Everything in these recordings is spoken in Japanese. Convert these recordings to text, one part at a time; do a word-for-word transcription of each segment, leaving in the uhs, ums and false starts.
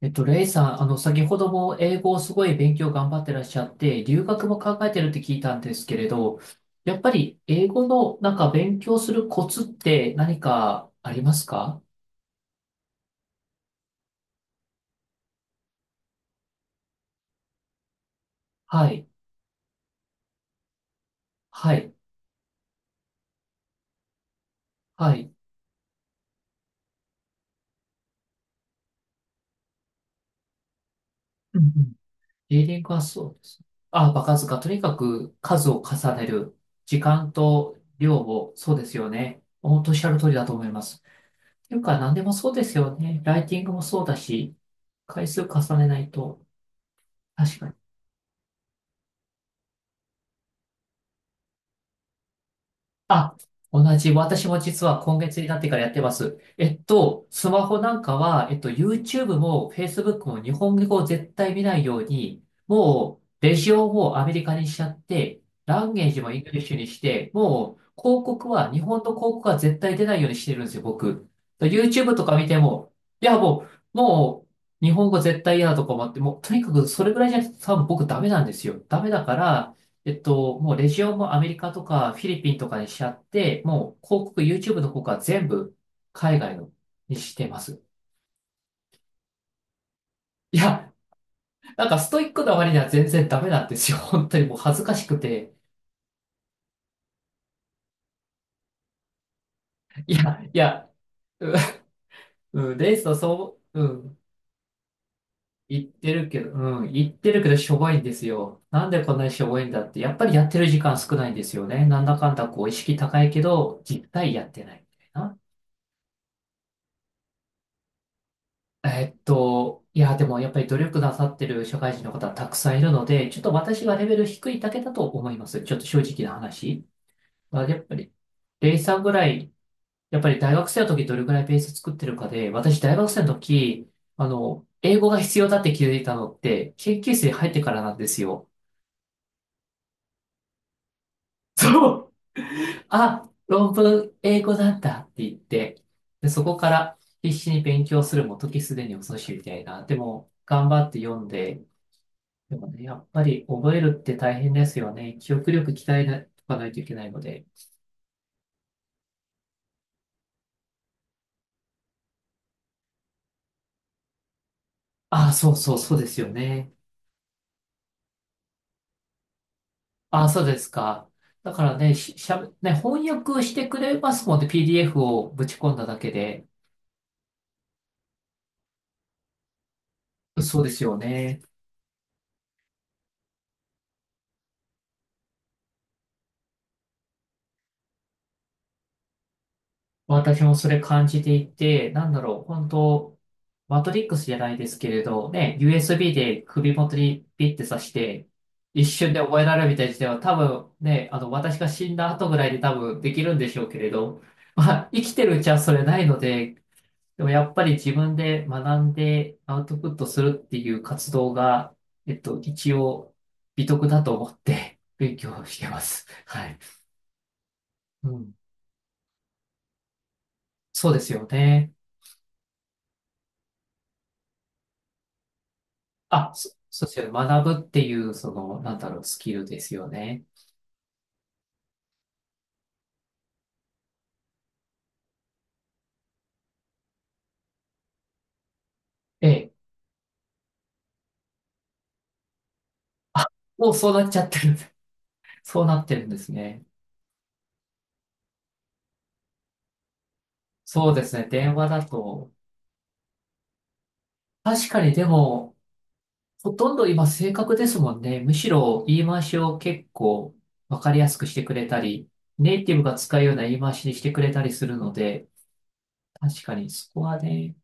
えっと、レイさん、あの、先ほども英語をすごい勉強頑張ってらっしゃって、留学も考えてるって聞いたんですけれど、やっぱり英語のなんか勉強するコツって何かありますか？はい、はい、はい。うんうん。リーディングはそうです。あ、場数かとにかく数を重ねる。時間と量を、そうですよね。本当おっしゃる通りだと思います。というか、何でもそうですよね。ライティングもそうだし、回数重ねないと、確かに。あ、同じ。私も実は今月になってからやってます。えっと、スマホなんかは、えっと、YouTube も Facebook も日本語を絶対見ないように、もう、レジオをアメリカにしちゃって、ランゲージもイングリッシュにして、もう、広告は、日本の広告は絶対出ないようにしてるんですよ、僕。YouTube とか見ても、いや、もう、もう、日本語絶対嫌だとか思って、もう、とにかくそれぐらいじゃなくて、多分僕ダメなんですよ。ダメだから、えっと、もうレジオもアメリカとかフィリピンとかにしちゃって、もう広告、YouTube の方から全部海外のにしてます。いや、なんかストイックな割には全然ダメなんですよ。本当にもう恥ずかしくて。いや、いや、うん、レイスはそう、うん、言ってるけど、うん、言ってるけどしょぼいんですよ。なんでこんなにしょぼいんだって、やっぱりやってる時間少ないんですよね。なんだかんだこう意識高いけど、実態やってないみたいな。えっと、いや、でもやっぱり努力なさってる社会人の方はたくさんいるので、ちょっと私がレベル低いだけだと思います。ちょっと正直な話。まあ、やっぱり、レイさんぐらい、やっぱり大学生の時どれぐらいペース作ってるかで、私大学生の時、あの、英語が必要だって気づいたのって、研究室に入ってからなんですよ。そう。あ、論文英語なんだって言って、で、そこから必死に勉強するも時すでに遅しみたいな。でも、頑張って読んで、でもね、やっぱり覚えるって大変ですよね。記憶力鍛えなとかないといけないので。ああ、そうそうそうですよね。ああ、そうですか。だからね、し、しゃべ、ね、翻訳してくれますもんね。ピーディーエフ をぶち込んだだけで。そうですよね。私もそれ感じていて、なんだろう、本当マトリックスじゃないですけれど、ね、ユーエスビー で首元にピッて刺して、一瞬で覚えられるみたいな時代は多分ね、あの、私が死んだ後ぐらいで多分できるんでしょうけれど、まあ、生きてるうちはそれないので、でもやっぱり自分で学んでアウトプットするっていう活動が、えっと、一応美徳だと思って勉強してます。はい。うん。そうですよね。あ、そ、そうですよね。学ぶっていう、その、なんだろう、スキルですよね。ええ。あ、もうそうなっちゃってる。そうなってるんですね。そうですね。電話だと。確かにでも、ほとんど今正確ですもんね。むしろ言い回しを結構わかりやすくしてくれたり、ネイティブが使うような言い回しにしてくれたりするので、確かにそこはね、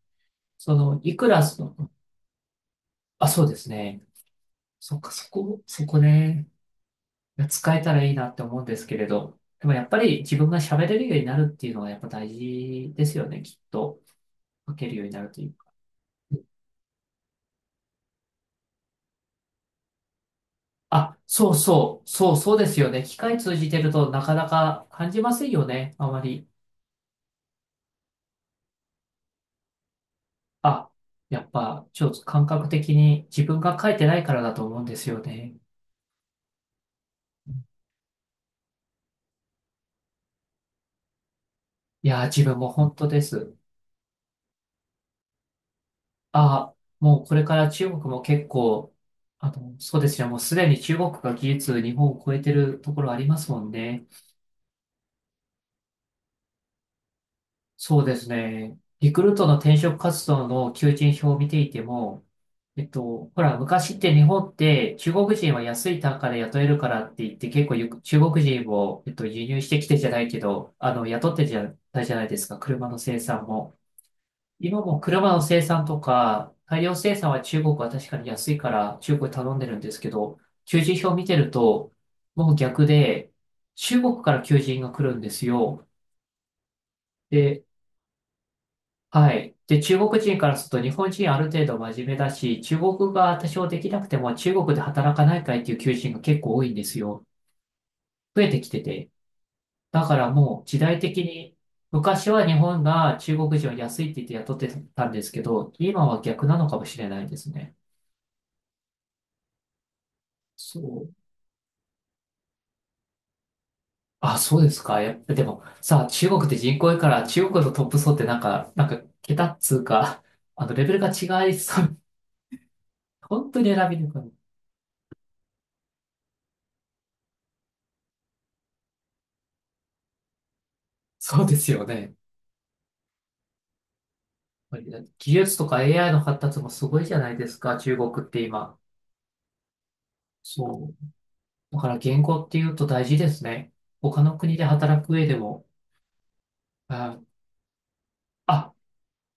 その、いくらその、あ、そうですね。そっか、そこ、そこね。使えたらいいなって思うんですけれど、でもやっぱり自分が喋れるようになるっていうのはやっぱ大事ですよね、きっと。書けるようになるというか。あ、そうそう、そうそうですよね。機械通じてるとなかなか感じませんよね、あまり。あ、やっぱちょっと感覚的に自分が書いてないからだと思うんですよね。いやー、自分も本当です。あ、もうこれから中国も結構、あの、そうですね、もうすでに中国が技術日本を超えてるところありますもんね。そうですね。リクルートの転職活動の求人票を見ていても、えっと、ほら、昔って日本って中国人は安い単価で雇えるからって言って結構ゆく中国人を、えっと、輸入してきてじゃないけど、あの、雇ってじゃないじゃないですか、車の生産も。今も車の生産とか、大量生産は中国は確かに安いから中国に頼んでるんですけど、求人票を見てると、もう逆で、中国から求人が来るんですよ。で、はい。で、中国人からすると日本人ある程度真面目だし、中国語が多少できなくても中国で働かないかいっていう求人が結構多いんですよ。増えてきてて。だからもう時代的に、昔は日本が中国人を安いって言って雇ってたんですけど、今は逆なのかもしれないですね。そう。あ、そうですか。やっぱでも、さあ、中国って人口多いから、中国のトップ層ってなんか、なんか、桁っつうか、あの、レベルが違いそう。本当に選びにくい。そうですよね。やっぱり技術とか エーアイ の発達もすごいじゃないですか、中国って今。そう。だから言語っていうと大事ですね。他の国で働く上でも。あ、あ、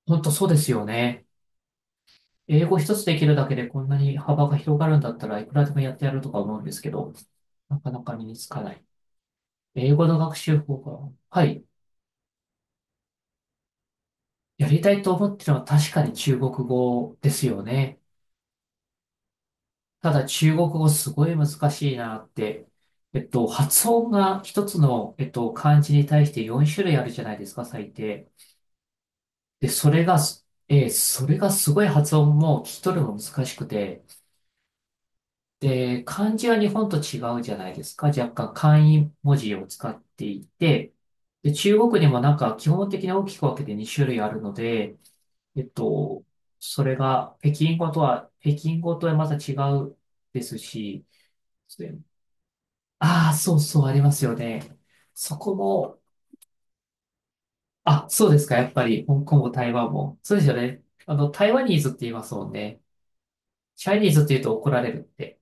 本当そうですよね。英語一つできるだけでこんなに幅が広がるんだったらいくらでもやってやるとか思うんですけど、なかなか身につかない。英語の学習法が、はい。やりたいと思ってるのは確かに中国語ですよね。ただ中国語すごい難しいなって、えっと、発音が一つの、えっと、漢字に対してよん種類あるじゃないですか、最低。で、それがす、えーそれがすごい発音も聞き取るのも難しくて、で、漢字は日本と違うじゃないですか。若干簡易文字を使っていて、で、中国にもなんか基本的に大きく分けてに種類あるので、えっと、それが北京語とは、北京語とはまた違うですし、ああ、そうそう、ありますよね。そこも、あ、そうですか、やっぱり、香港も台湾も。そうですよね。あの、台湾ニーズって言いますもんね。チャイニーズって言うと怒られるって。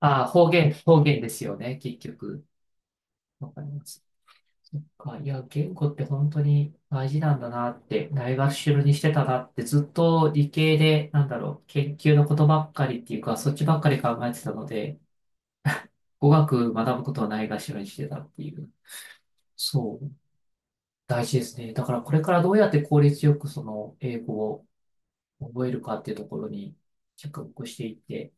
ああ、方言、方言ですよね、結局。わかります。そっか、いや、言語って本当に大事なんだなって、ないがしろにしてたなって、ずっと理系で、なんだろう、研究のことばっかりっていうか、そっちばっかり考えてたので、語学学ぶことをないがしろにしてたっていう。そう。大事ですね。だからこれからどうやって効率よくその英語を覚えるかっていうところに着目していって、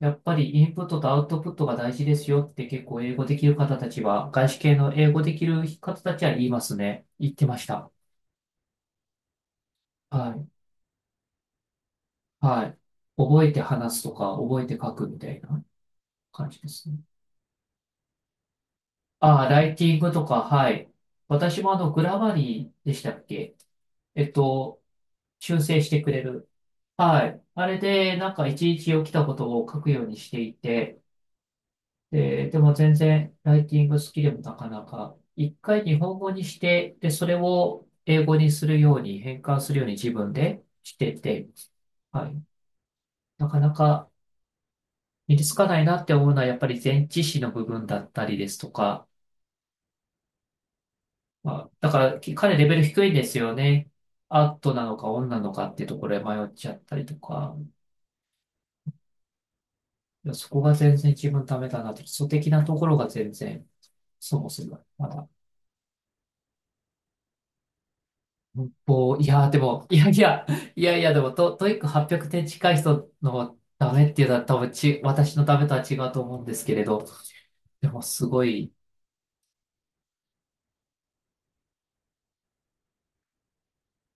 やっぱりインプットとアウトプットが大事ですよって結構英語できる方たちは、外資系の英語できる方たちは言いますね。言ってました。はい。はい。覚えて話すとか、覚えて書くみたいな感じですね。ああ、ライティングとか、はい。私もあの、グラマリーでしたっけ。えっと、修正してくれる。はい。あれで、なんかいちいち起きたことを書くようにしていて、で、でも全然ライティング好きでもなかなか、一回日本語にして、で、それを英語にするように、変換するように自分でしてて、はい。なかなか身につかないなって思うのは、やっぱり前置詞の部分だったりですとか、まあ、だからき彼レベル低いんですよね。アットなのかオンなのかっていうところで迷っちゃったりとか、いやそこが全然自分ダメだなって、基礎的なところが全然。そうそう。まだ、文法、いや、でも、いやいや、いやいや、でもト、トイックはっぴゃくてん近い人のダメっていうのは多分ち、私のダメとは違うと思うんですけれど、でもすごい、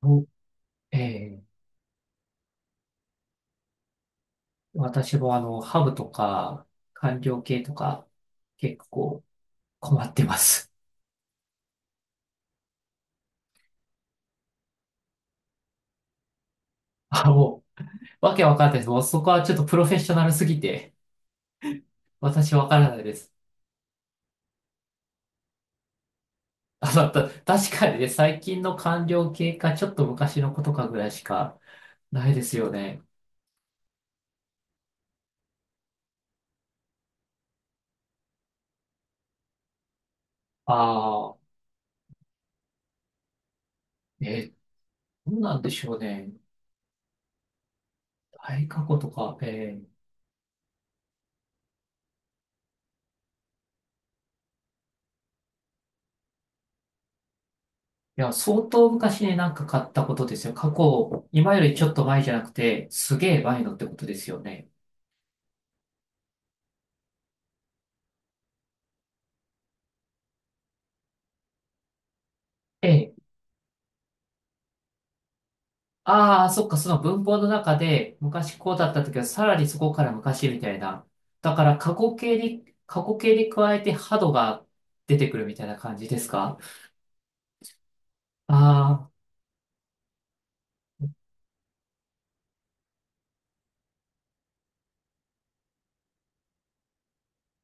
おえー私もあの、ハブとか、官僚系とか、結構困ってます。あ、もう、わけわかんないです。もうそこはちょっとプロフェッショナルすぎて、私わからないです。あの、た確かにね、最近の官僚系か、ちょっと昔のことかぐらいしかないですよね。ああ、えー、どうなんでしょうね。大過去とか、えー、いや、相当昔になんか買ったことですよ。過去、今よりちょっと前じゃなくて、すげえ前のってことですよね。ええ。ああ、そっか、その文法の中で、昔こうだった時は、さらにそこから昔みたいな。だから、過去形に、過去形に加えて、ハドが出てくるみたいな感じですか。あ、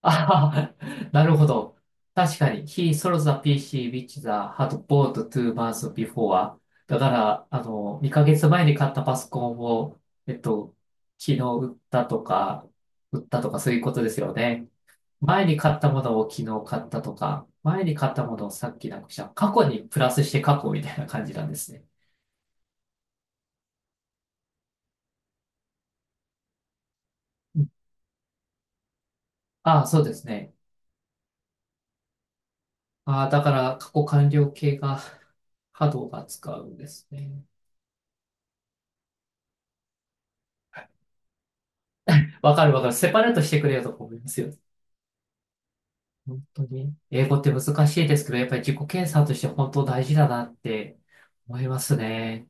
ああ、なるほど。確かに。He sold the ピーシー which the had bought two months before. だから、あの、にかげつまえに買ったパソコンを、えっと、昨日売ったとか、売ったとかそういうことですよね。前に買ったものを昨日買ったとか、前に買ったものをさっきなくした。過去にプラスして過去みたいな感じなんですね。うん。ああ、そうですね。ああ、だから過去完了形が波動が使うんですね。わかるわかる。セパレートしてくれよとか思いますよ。本当に。英語って難しいですけど、やっぱり自己検査として本当大事だなって思いますね。